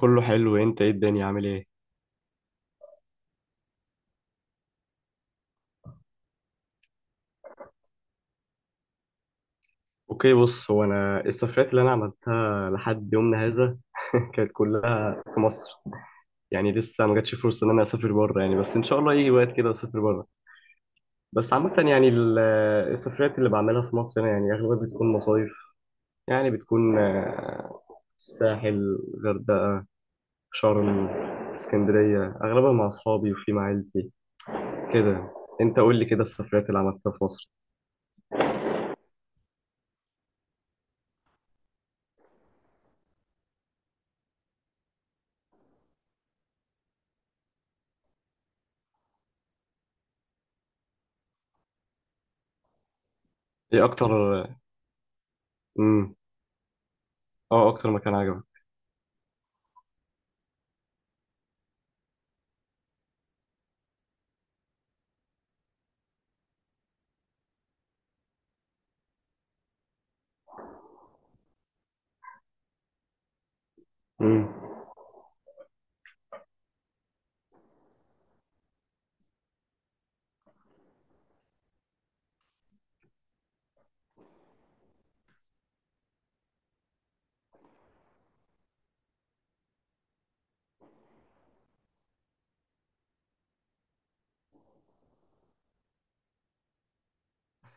كله حلو. انت ايه الدنيا عامل ايه؟ اوكي، بص، هو انا السفرات اللي انا عملتها لحد يومنا هذا كانت كلها في مصر. يعني لسه ما جاتش فرصه ان انا اسافر بره، يعني بس ان شاء الله يجي وقت كده اسافر بره. بس عامه، يعني، السفرات اللي بعملها في مصر هنا يعني اغلبها بتكون مصايف. يعني بتكون الساحل، غردقه، شرم، اسكندريه اغلبها مع اصحابي وفي مع عيلتي كده. انت قول لي كده السفرات اللي عملتها في مصر. ايه اكتر؟ امم. اه، اكتر مكان عجبك؟ امم.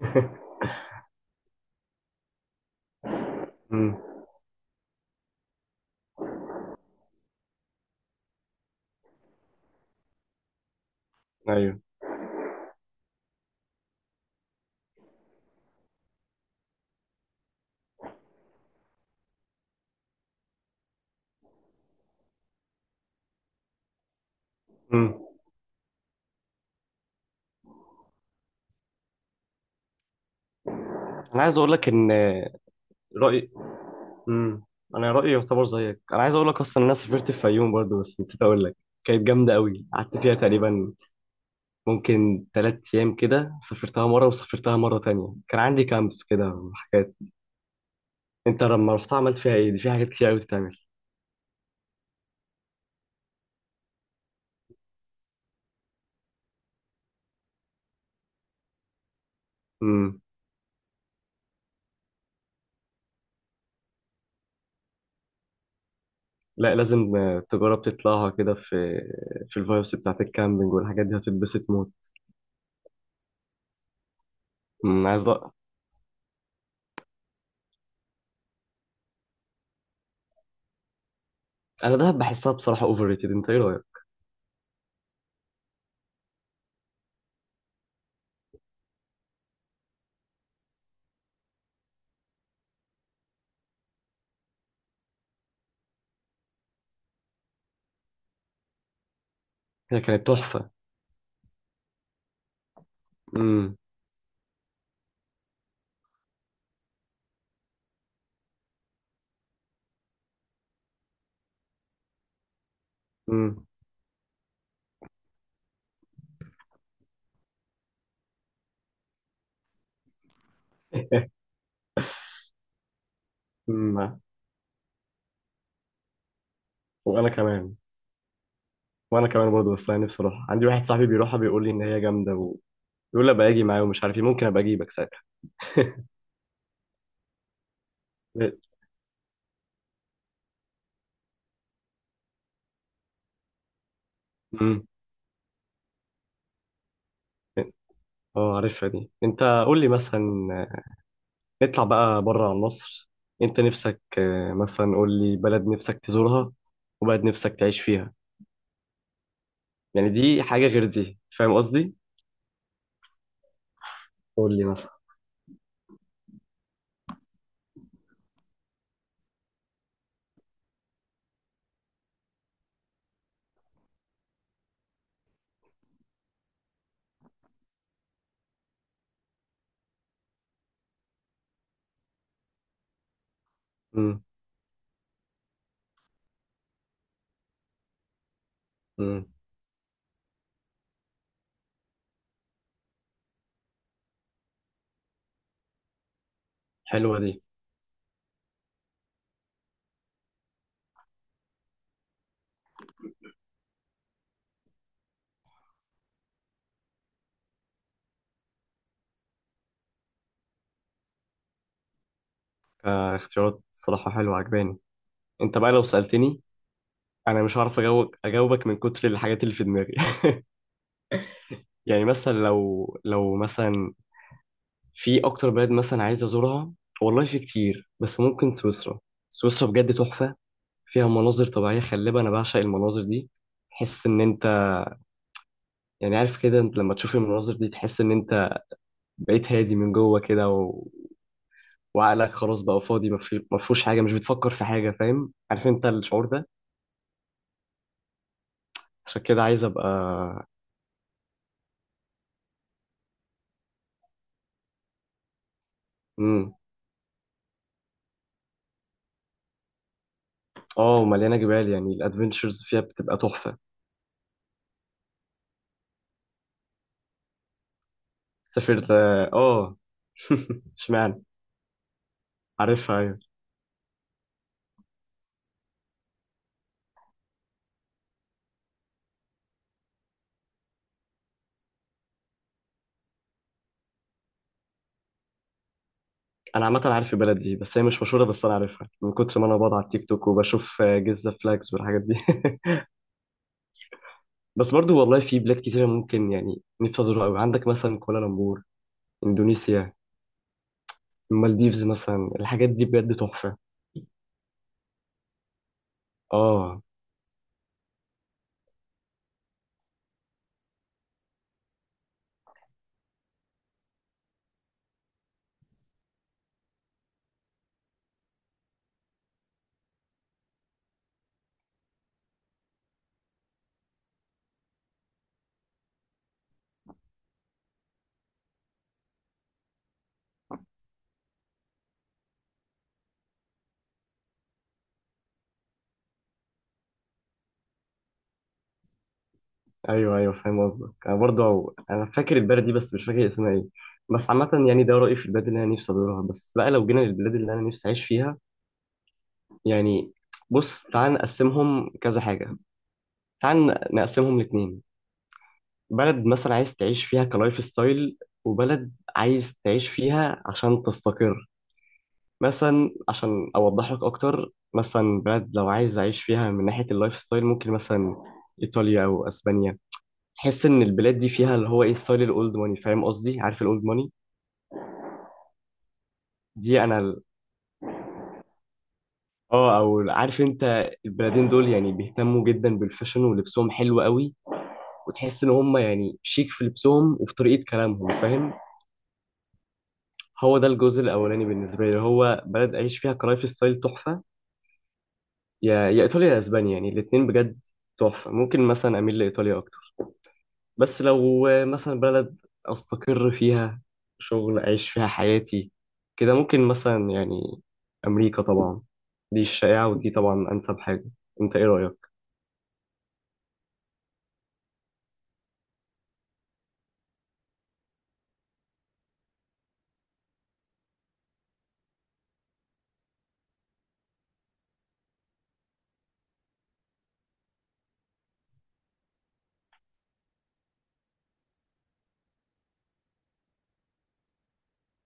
امم. ايوه. امم. انا عايز اقول لك ان رايي، امم انا رايي يعتبر زيك. انا عايز اقول لك اصلا ان انا سافرت الفيوم برضه، بس نسيت اقول لك. كانت جامده قوي، قعدت فيها تقريبا ممكن 3 ايام كده. سافرتها مره وسافرتها مره تانية، كان عندي كامبس كده وحاجات. انت لما رحت عملت فيها ايه؟ دي في حاجات كتير قوي تتعمل. امم. لا، لازم تجرب تطلعها كده، في الفايبس بتاعت الكامبينج والحاجات دي هتتبسط موت. امم. انا دهب بحسها بصراحه اوفر ريتد، انت ايه رايك؟ هي كانت تحفة. امم. امم. امم. وانا كمان، وانا كمان برضه، بس انا نفسي اروح. عندي واحد صاحبي بيروحها بيقول لي ان هي جامدة، ويقول لي ابقى اجي معاه ومش عارف ايه، ممكن ابقى اجيبك ساعتها. امم. اه، عارفها دي انت. قول لي مثلا، نطلع بقى بره عن مصر. انت نفسك مثلا قول لي بلد نفسك تزورها، وبلد نفسك تعيش فيها. يعني دي حاجة غير دي، فاهم قصدي؟ قول لي مثلا. امم. امم. حلوة دي. اختيارات صراحة حلوة عجباني. انت بقى لو سألتني، انا مش عارف اجاوبك من كتر الحاجات اللي في دماغي. يعني مثلا، لو مثلا، في اكتر بلد مثلا عايز ازورها. والله في كتير بس ممكن سويسرا. سويسرا بجد تحفة. فيها مناظر طبيعية خلابة، انا بعشق المناظر دي. تحس ان انت، يعني عارف كده، انت لما تشوف المناظر دي تحس ان انت بقيت هادي من جوه كده و وعقلك خلاص بقى فاضي، ما فيهوش حاجة، مش بتفكر في حاجة، فاهم؟ عارف انت الشعور ده. عشان كده عايز ابقى. امم. اه، ومليانة جبال، يعني الادفنتشرز فيها بتبقى تحفة. سافرت. اه. اشمعنى؟ عارفها ايوه. انا عامه عارف البلد دي بس هي مش مشهوره، بس انا عارفها من كتر ما انا بقعد على التيك توك وبشوف جيزه فلاكس والحاجات دي. بس برضو والله في بلاد كتيره، ممكن يعني نفسي ازورها قوي. عندك مثلا كوالالمبور، اندونيسيا، المالديفز مثلا، الحاجات دي بجد تحفه. اه، ايوه، ايوه، فاهم قصدك. انا برضو انا فاكر البلد دي بس مش فاكر اسمها ايه. بس عامه يعني ده رايي في البلاد اللي انا نفسي ازورها. بس بقى لو جينا للبلاد اللي انا نفسي اعيش فيها، يعني، بص، تعال نقسمهم كذا حاجة، تعال نقسمهم لاتنين. بلد مثلا عايز تعيش فيها كلايف ستايل، وبلد عايز تعيش فيها عشان تستقر. مثلا عشان أوضح لك أكتر، مثلا بلد لو عايز أعيش فيها من ناحية اللايف ستايل ممكن مثلا إيطاليا أو أسبانيا. تحس إن البلاد دي فيها اللي هو إيه، ستايل الأولد ماني، فاهم قصدي؟ عارف الأولد ماني؟ دي أنا او عارف انت البلدين دول يعني بيهتموا جدا بالفاشن، ولبسهم حلو قوي. وتحس ان هم يعني شيك في لبسهم وفي طريقه كلامهم، فاهم؟ هو ده الجزء الاولاني بالنسبه لي، اللي هو بلد اعيش فيها كلايف ستايل تحفه. يا ايطاليا يا اسبانيا، يعني الاثنين بجد تحفه. ممكن مثلا اميل لايطاليا اكتر. بس لو مثلا بلد استقر فيها، شغل اعيش فيها حياتي كده، ممكن مثلا يعني امريكا طبعا. دي الشائعه، ودي طبعا انسب حاجه. انت ايه رايك؟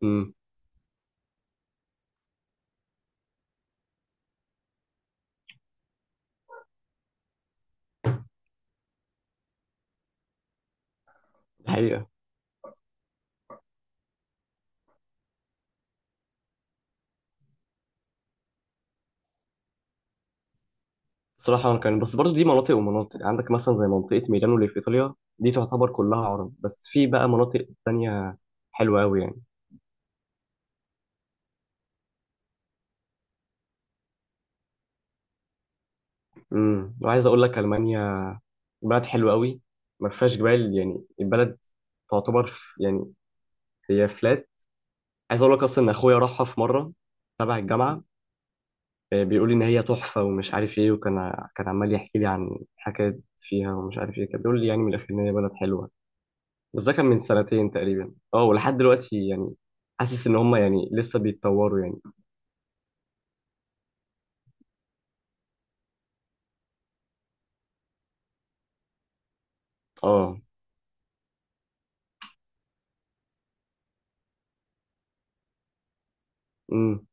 امم. الحقيقه. بصراحة كان بس برضو دي مناطق ومناطق، عندك مثلا زي منطقة ميلانو اللي في إيطاليا، دي تعتبر كلها عرب، بس في بقى مناطق تانية حلوة أوي يعني. امم. وعايز أقول لك ألمانيا بلد حلوة أوي. ما فيهاش جبال، يعني البلد تعتبر يعني هي فلات. عايز أقول لك أصلا إن أخويا راحها في مرة تبع الجامعة، بيقول لي إن هي تحفة ومش عارف إيه، وكان عمال يحكي لي عن حكايات فيها ومش عارف إيه، كان بيقول لي يعني من الآخر إن هي بلد حلوة. بس ده كان من سنتين تقريبا. اه، ولحد دلوقتي يعني حاسس ان هم يعني لسه بيتطوروا يعني. اه. امم.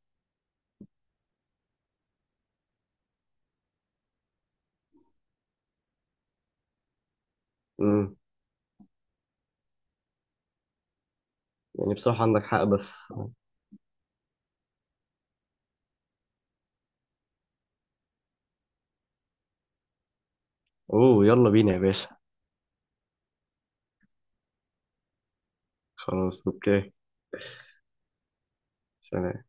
امم. يعني بصراحة عندك حق، بس آه. اوه، يلا بينا يا باشا. خلاص، اوكي. سلام.